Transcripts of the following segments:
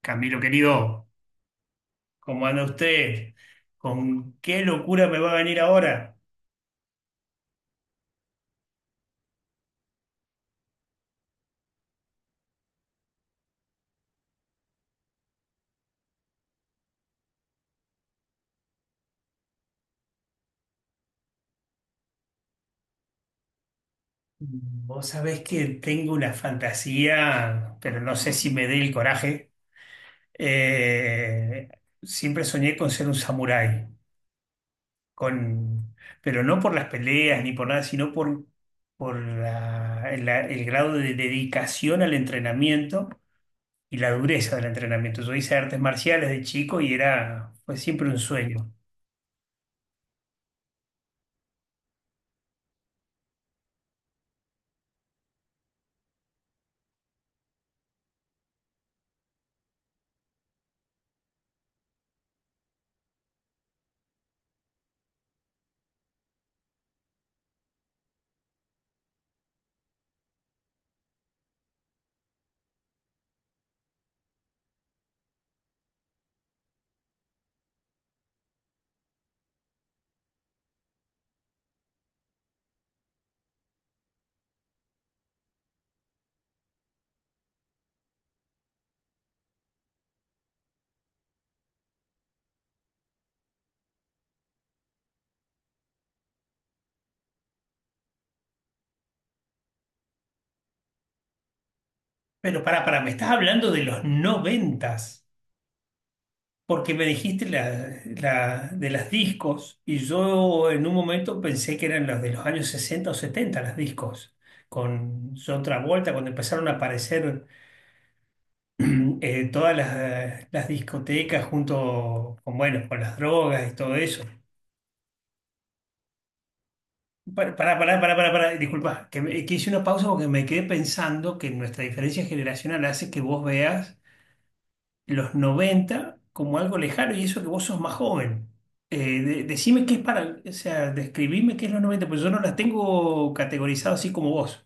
Camilo querido, ¿cómo anda usted? ¿Con qué locura me va a venir ahora? Vos sabés que tengo una fantasía, pero no sé si me dé el coraje. Eh, Siempre soñé con ser un samurái, con, pero no por las peleas ni por nada, sino por el grado de dedicación al entrenamiento y la dureza del entrenamiento. Yo hice artes marciales de chico y fue siempre un sueño. Pero pará, pará, me estás hablando de los noventas, porque me dijiste de las discos y yo en un momento pensé que eran las de los años 60 o 70 las discos, con John Travolta, cuando empezaron a aparecer todas las discotecas junto con, bueno, con las drogas y todo eso. Pará, pará, pará, pará, pará, pará, disculpa, que hice una pausa porque me quedé pensando que nuestra diferencia generacional hace que vos veas los 90 como algo lejano y eso que vos sos más joven. Decime qué es para, o sea, describime qué es los 90 pues yo no las tengo categorizadas así como vos.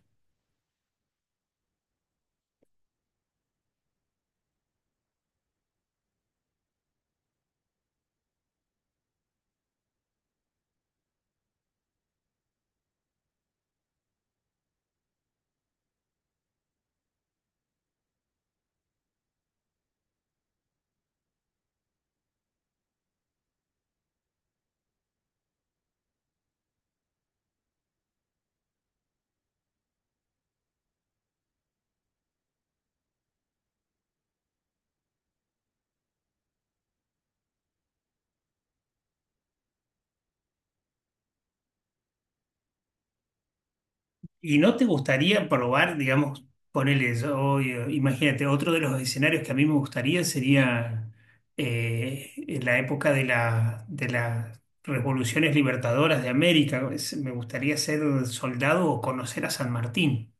¿Y no te gustaría probar, digamos, ponele, imagínate, otro de los escenarios que a mí me gustaría sería en la época de de las revoluciones libertadoras de América. Me gustaría ser soldado o conocer a San Martín.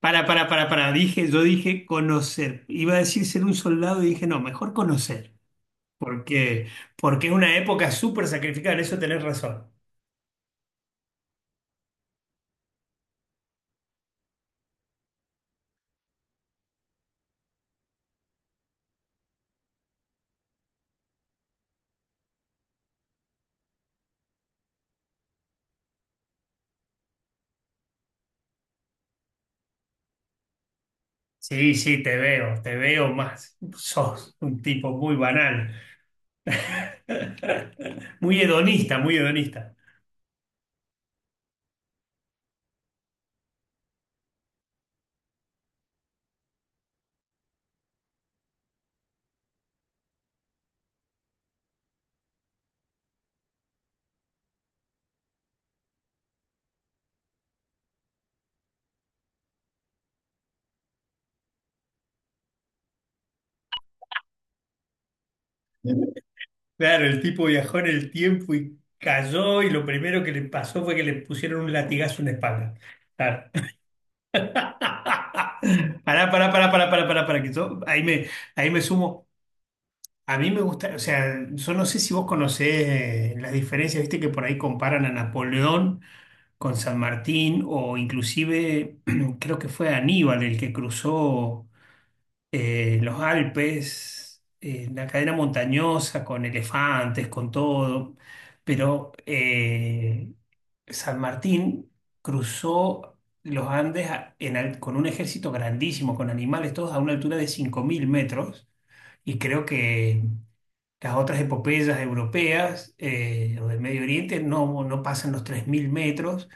Para, dije, yo dije conocer. Iba a decir ser un soldado y dije, no, mejor conocer, porque, porque es una época súper sacrificada, en eso tenés razón. Sí, sí, te veo más. Sos un tipo muy banal. Muy hedonista, muy hedonista. Claro, el tipo viajó en el tiempo y cayó y lo primero que le pasó fue que le pusieron un latigazo en la espalda. Claro. Pará, pará, pará, pará, pará, pará, pará, que yo ahí me sumo. A mí me gusta, o sea, yo no sé si vos conocés las diferencias, viste que por ahí comparan a Napoleón con San Martín o inclusive creo que fue Aníbal el que cruzó los Alpes, la cadena montañosa con elefantes, con todo, pero San Martín cruzó los Andes con un ejército grandísimo, con animales todos a una altura de 5000 metros y creo que... Las otras epopeyas europeas o del Medio Oriente no pasan los 3000 metros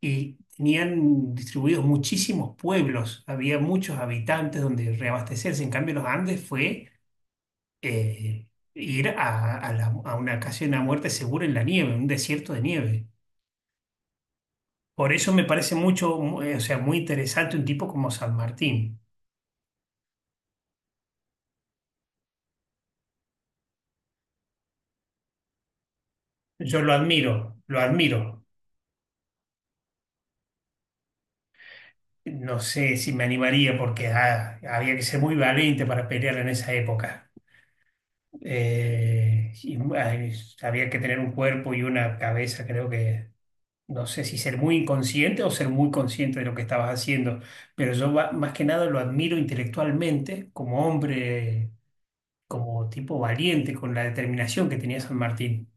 y tenían distribuidos muchísimos pueblos, había muchos habitantes donde reabastecerse. En cambio, los Andes fue eh, ir a una casi una muerte segura en la nieve, un desierto de nieve. Por eso me parece o sea, muy interesante un tipo como San Martín. Yo lo admiro, lo admiro. No sé si me animaría porque ah, había que ser muy valiente para pelear en esa época. Eh, y, ay, Había que tener un cuerpo y una cabeza, no sé si ser muy inconsciente o ser muy consciente de lo que estabas haciendo, pero más que nada lo admiro intelectualmente como hombre, como tipo valiente, con la determinación que tenía San Martín.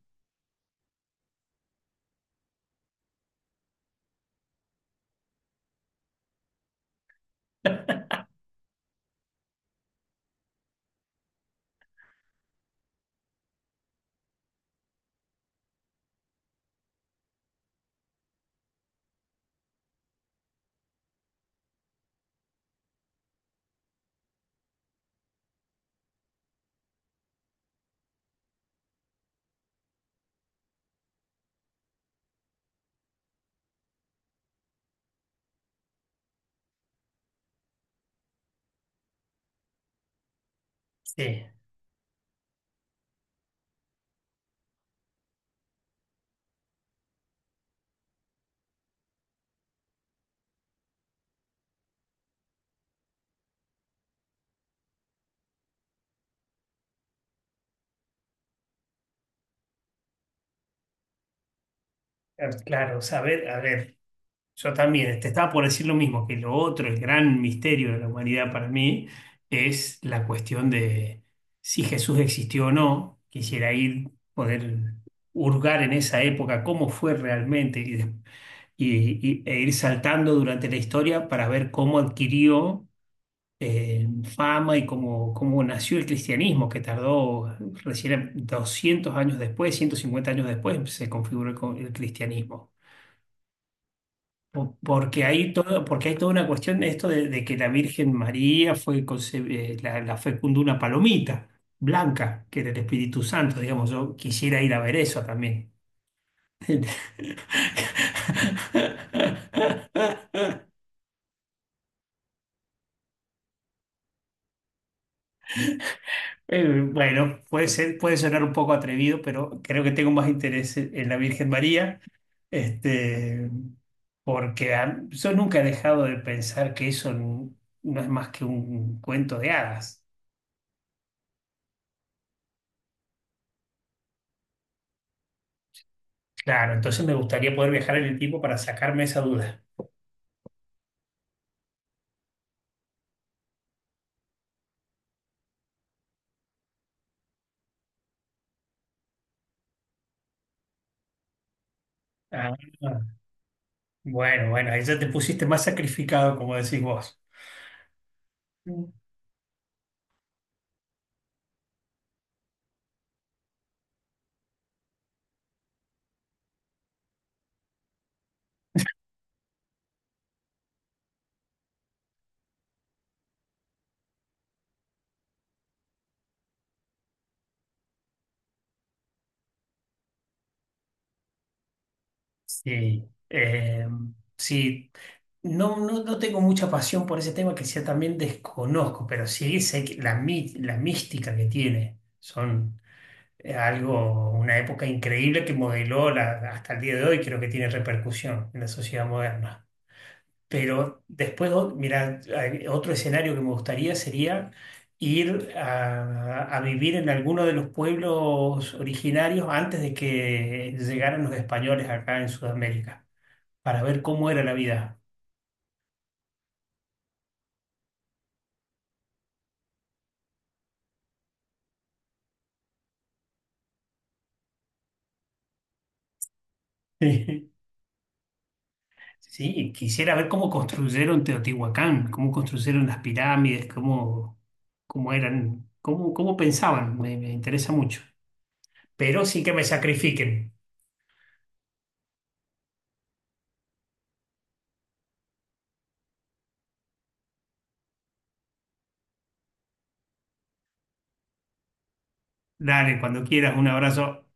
Sí. Claro, saber, a ver, yo también, te estaba por decir lo mismo, que lo otro, el gran misterio de la humanidad para mí, es la cuestión de si Jesús existió o no. Quisiera ir, poder hurgar en esa época cómo fue realmente y, de- y- e ir saltando durante la historia para ver cómo adquirió eh, fama y cómo nació el cristianismo, que tardó recién 200 años después, 150 años después, se configuró el cristianismo. Porque porque hay toda una cuestión de esto de que la Virgen María la fecundó una palomita blanca, que era el Espíritu Santo, digamos, yo quisiera ir a ver eso también. Bueno, puede ser, puede sonar un poco atrevido, pero creo que tengo más interés en la Virgen María, este, porque yo nunca he dejado de pensar que no es más que un cuento de hadas. Claro, entonces me gustaría poder viajar en el tiempo para sacarme esa duda. Ah, bueno, bueno, ahí ya te pusiste más sacrificado, como decís vos. Mm. Sí, eh, sí. No, no, no tengo mucha pasión por ese tema que sea también desconozco, pero sí sé que la mística que tiene son una época increíble que modeló hasta el día de hoy, creo que tiene repercusión en la sociedad moderna. Pero después, mira, hay otro escenario que me gustaría sería ir a vivir en alguno de los pueblos originarios antes de que llegaran los españoles acá en Sudamérica, para ver cómo era la vida. Sí, quisiera ver cómo construyeron Teotihuacán, cómo construyeron las pirámides, cómo eran, cómo pensaban. Me interesa mucho. Pero sí que me sacrifiquen. Dale, cuando quieras, un abrazo.